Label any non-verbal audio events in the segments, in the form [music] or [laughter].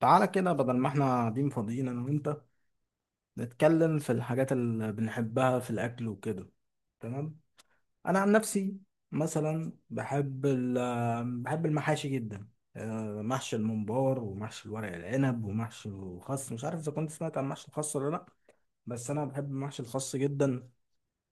تعالى كده بدل ما احنا قاعدين فاضيين انا وانت نتكلم في الحاجات اللي بنحبها في الاكل وكده. تمام. انا عن نفسي مثلا بحب المحاشي جدا. محشي الممبار ومحشي الورق العنب ومحشي الخس، مش عارف اذا كنت سمعت عن محشي الخس ولا لا. بس انا بحب محشي الخس جدا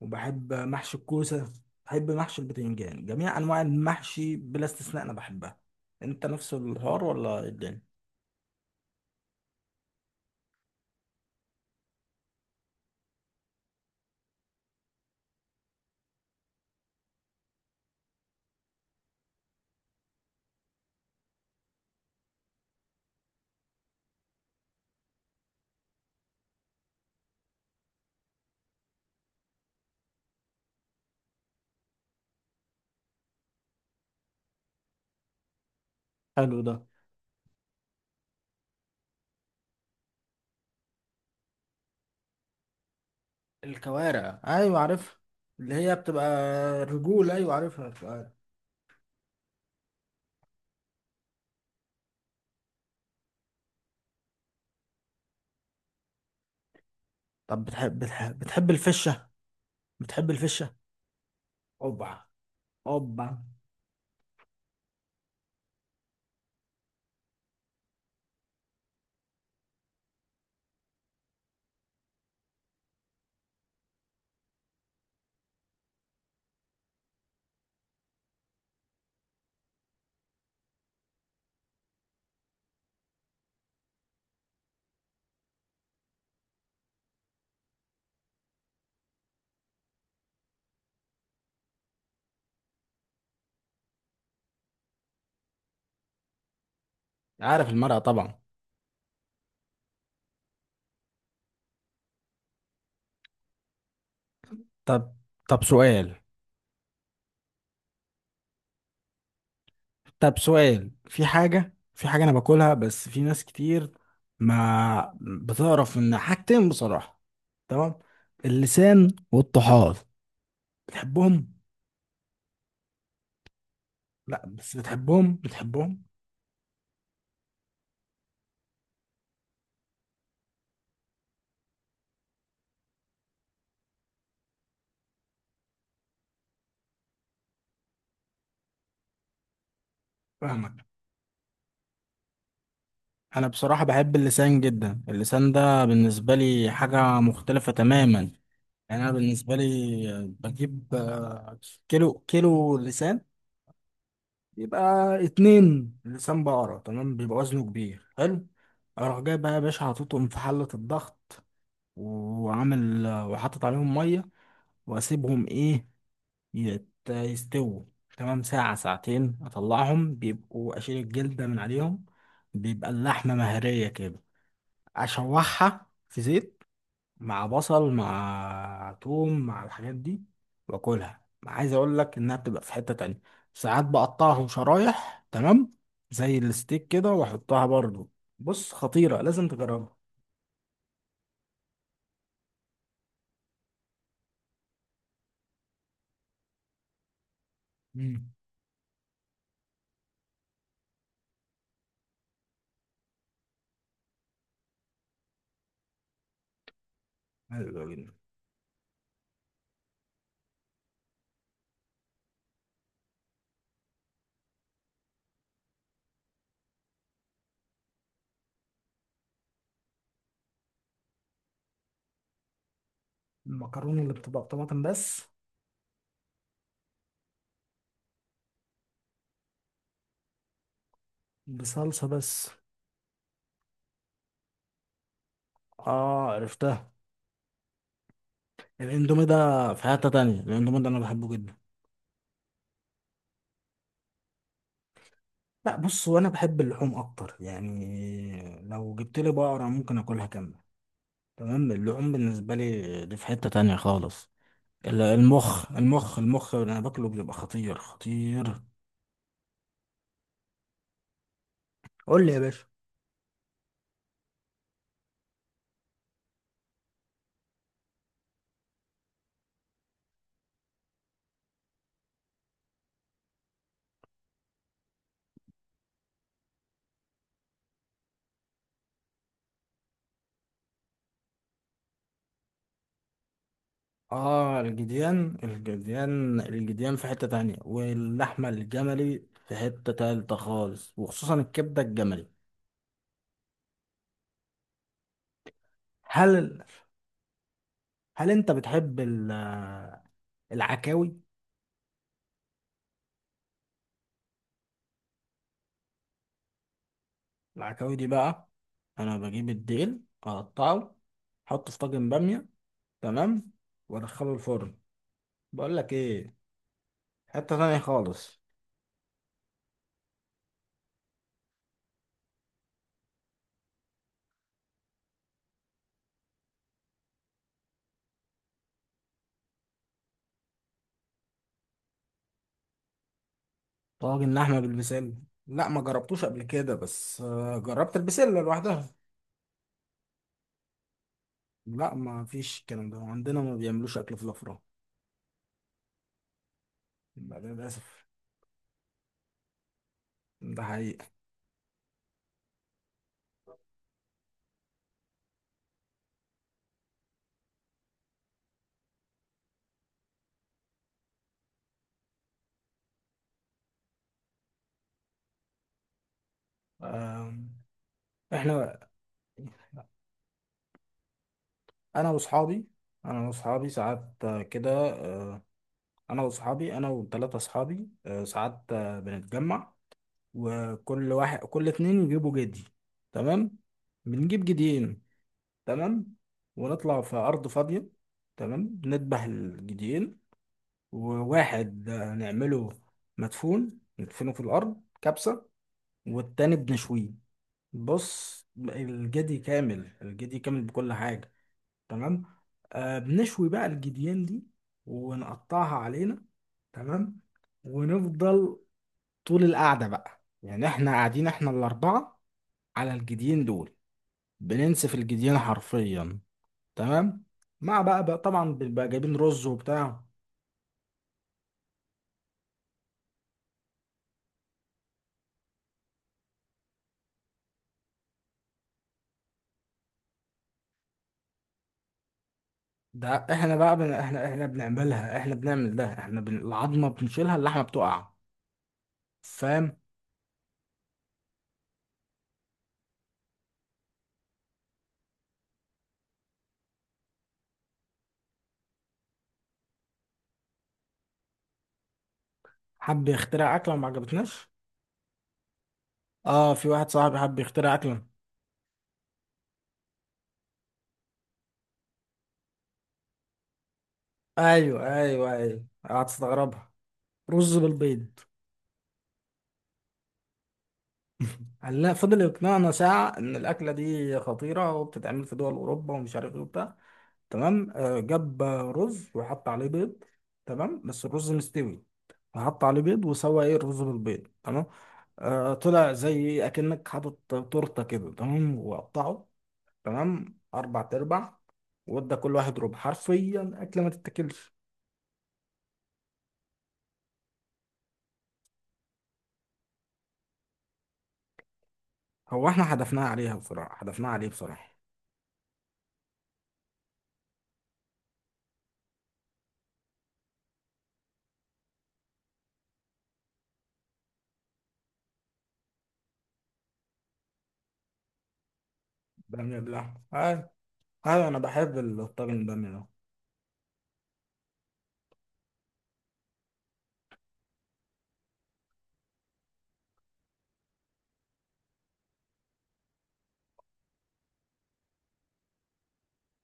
وبحب محشي الكوسه. بحب محشي البتنجان، جميع انواع المحشي بلا استثناء انا بحبها. انت نفس الحوار ولا إيه الدنيا؟ حلو ده. الكوارع، ايوه عارفها. اللي هي بتبقى رجول، ايوه عارفها الكوارع. طب بتحب الفشه؟ بتحب الفشه؟ اوبا، اوبا. عارف المرأة طبعا. طب طب سؤال. طب سؤال في حاجة انا باكلها بس في ناس كتير ما بتعرف ان حاجتين، بصراحة. تمام، اللسان والطحال. بتحبهم؟ لا بس بتحبهم؟ فاهمك. انا بصراحة بحب اللسان جدا، اللسان ده بالنسبة لي حاجة مختلفة تماما. يعني انا بالنسبة لي بجيب كيلو، كيلو يبقى 2 لسان بقرة، تمام، بيبقى وزنه كبير. حلو، اروح جاي بقى يا باشا، حاططهم في حلة الضغط وعامل وحاطط عليهم مية واسيبهم ايه، يستووا. تمام، ساعة ساعتين اطلعهم، بيبقوا اشيل الجلدة من عليهم، بيبقى اللحمة مهرية كده. اشوحها في زيت، مع بصل مع توم مع الحاجات دي، واكلها. عايز اقول لك انها بتبقى في حتة تانية. ساعات بقطعهم شرايح، تمام، زي الستيك كده واحطها برضو. بص خطيرة، لازم تجربها. مم. حلو جدا. المكرونة اللي بتبقى بطماطم بس، بصلصة بس. اه عرفتها. الاندومي ده في حتة تانية، الاندومي ده انا بحبه جدا. لا بص، وانا بحب اللحوم اكتر، يعني لو جبت لي بقرة ممكن اكلها كاملة. تمام، اللحوم بالنسبة لي دي في حتة تانية خالص. المخ اللي أنا باكله بيبقى خطير خطير. قول لي يا باشا. آه، الجديان الجديان الجديان في حتة تانية، واللحمة الجملي في حتة تالتة خالص، وخصوصا الكبدة الجملي. هل هل أنت بتحب العكاوي؟ العكاوي دي بقى أنا بجيب الديل أقطعه، أحطه في طاجن بامية، تمام، وأدخله الفرن. بقول لك إيه، حتة تانية خالص. طاجن لحمه بالبسله. لا ما جربتوش قبل كده، بس جربت البسله لوحدها. لا ما فيش الكلام ده عندنا، ما بيعملوش اكل في الافراح. لا، للاسف. ده حقيقه. آم، احنا، انا واصحابي، انا واصحابي ساعات آه، كده آه، انا واصحابي انا وثلاثه اصحابي ساعات بنتجمع وكل واحد، كل اتنين يجيبوا جدي. تمام، بنجيب جديين. تمام، ونطلع في ارض فاضيه. تمام، نذبح الجديين وواحد نعمله مدفون، ندفنه في الأرض كبسة، والتاني بنشويه. بص الجدي كامل، الجدي كامل بكل حاجة. تمام. آه بنشوي بقى الجديان دي ونقطعها علينا. تمام، ونفضل طول القعدة بقى، يعني احنا قاعدين، احنا الـ4 على الجديين دول، بننسف الجديان حرفيا. تمام، مع بقى طبعا بنبقى جايبين رز وبتاع. ده احنا بقى بن... احنا احنا بنعملها، احنا بنعمل ده احنا بن... العظمه بنشيلها، اللحمه بتقع. فاهم؟ حب يخترع اكله وما عجبتناش. اه في واحد صاحبي حب يخترع اكله. ايوه ايوه ايوه، هتستغربها. رز بالبيض. [laughs] قال لا، فضل يقنعنا ساعه ان الاكله دي خطيره وبتتعمل في دول اوروبا ومش عارف ايه وبتاع. تمام، جاب رز وحط عليه بيض، تمام، بس الرز مستوي، فحط عليه بيض وسوى ايه، الرز بالبيض. تمام، طلع زي اكنك حاطط تورته كده، تمام، وقطعه، تمام، 4 ارباع، وادى كل واحد ربع، حرفيا اكله ما تتاكلش. هو احنا حدفناها عليها بصراحه، حدفناها عليه بصراحه. باميه بالله هاي، هاي انا بحب الطاجن الباميه ده.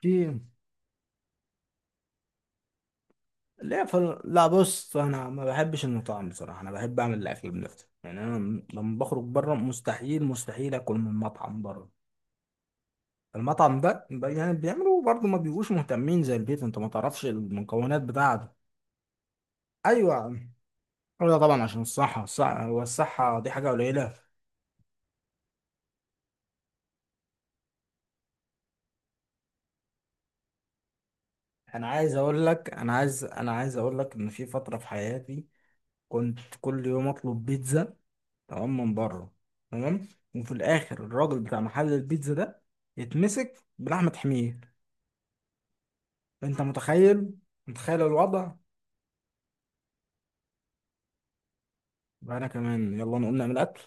في. لا بص، انا ما بحبش المطاعم بصراحه، انا بحب اعمل الاكل بنفسي، يعني انا لما بخرج بره مستحيل، مستحيل اكل من مطعم بره. المطعم ده يعني بيعملوا برضه ما بيبقوش مهتمين زي البيت، انت ما تعرفش المكونات بتاعته. ايوه يا عم. ايوه طبعا عشان الصحه، الصحه والصحه دي حاجه قليله. انا عايز اقول لك ان في فتره في حياتي كنت كل يوم اطلب بيتزا، تمام، من بره. تمام، وفي الاخر الراجل بتاع محل البيتزا ده يتمسك بلحمة حمير. انت متخيل؟ متخيل الوضع؟ انا كمان يلا نقوم نعمل اكل.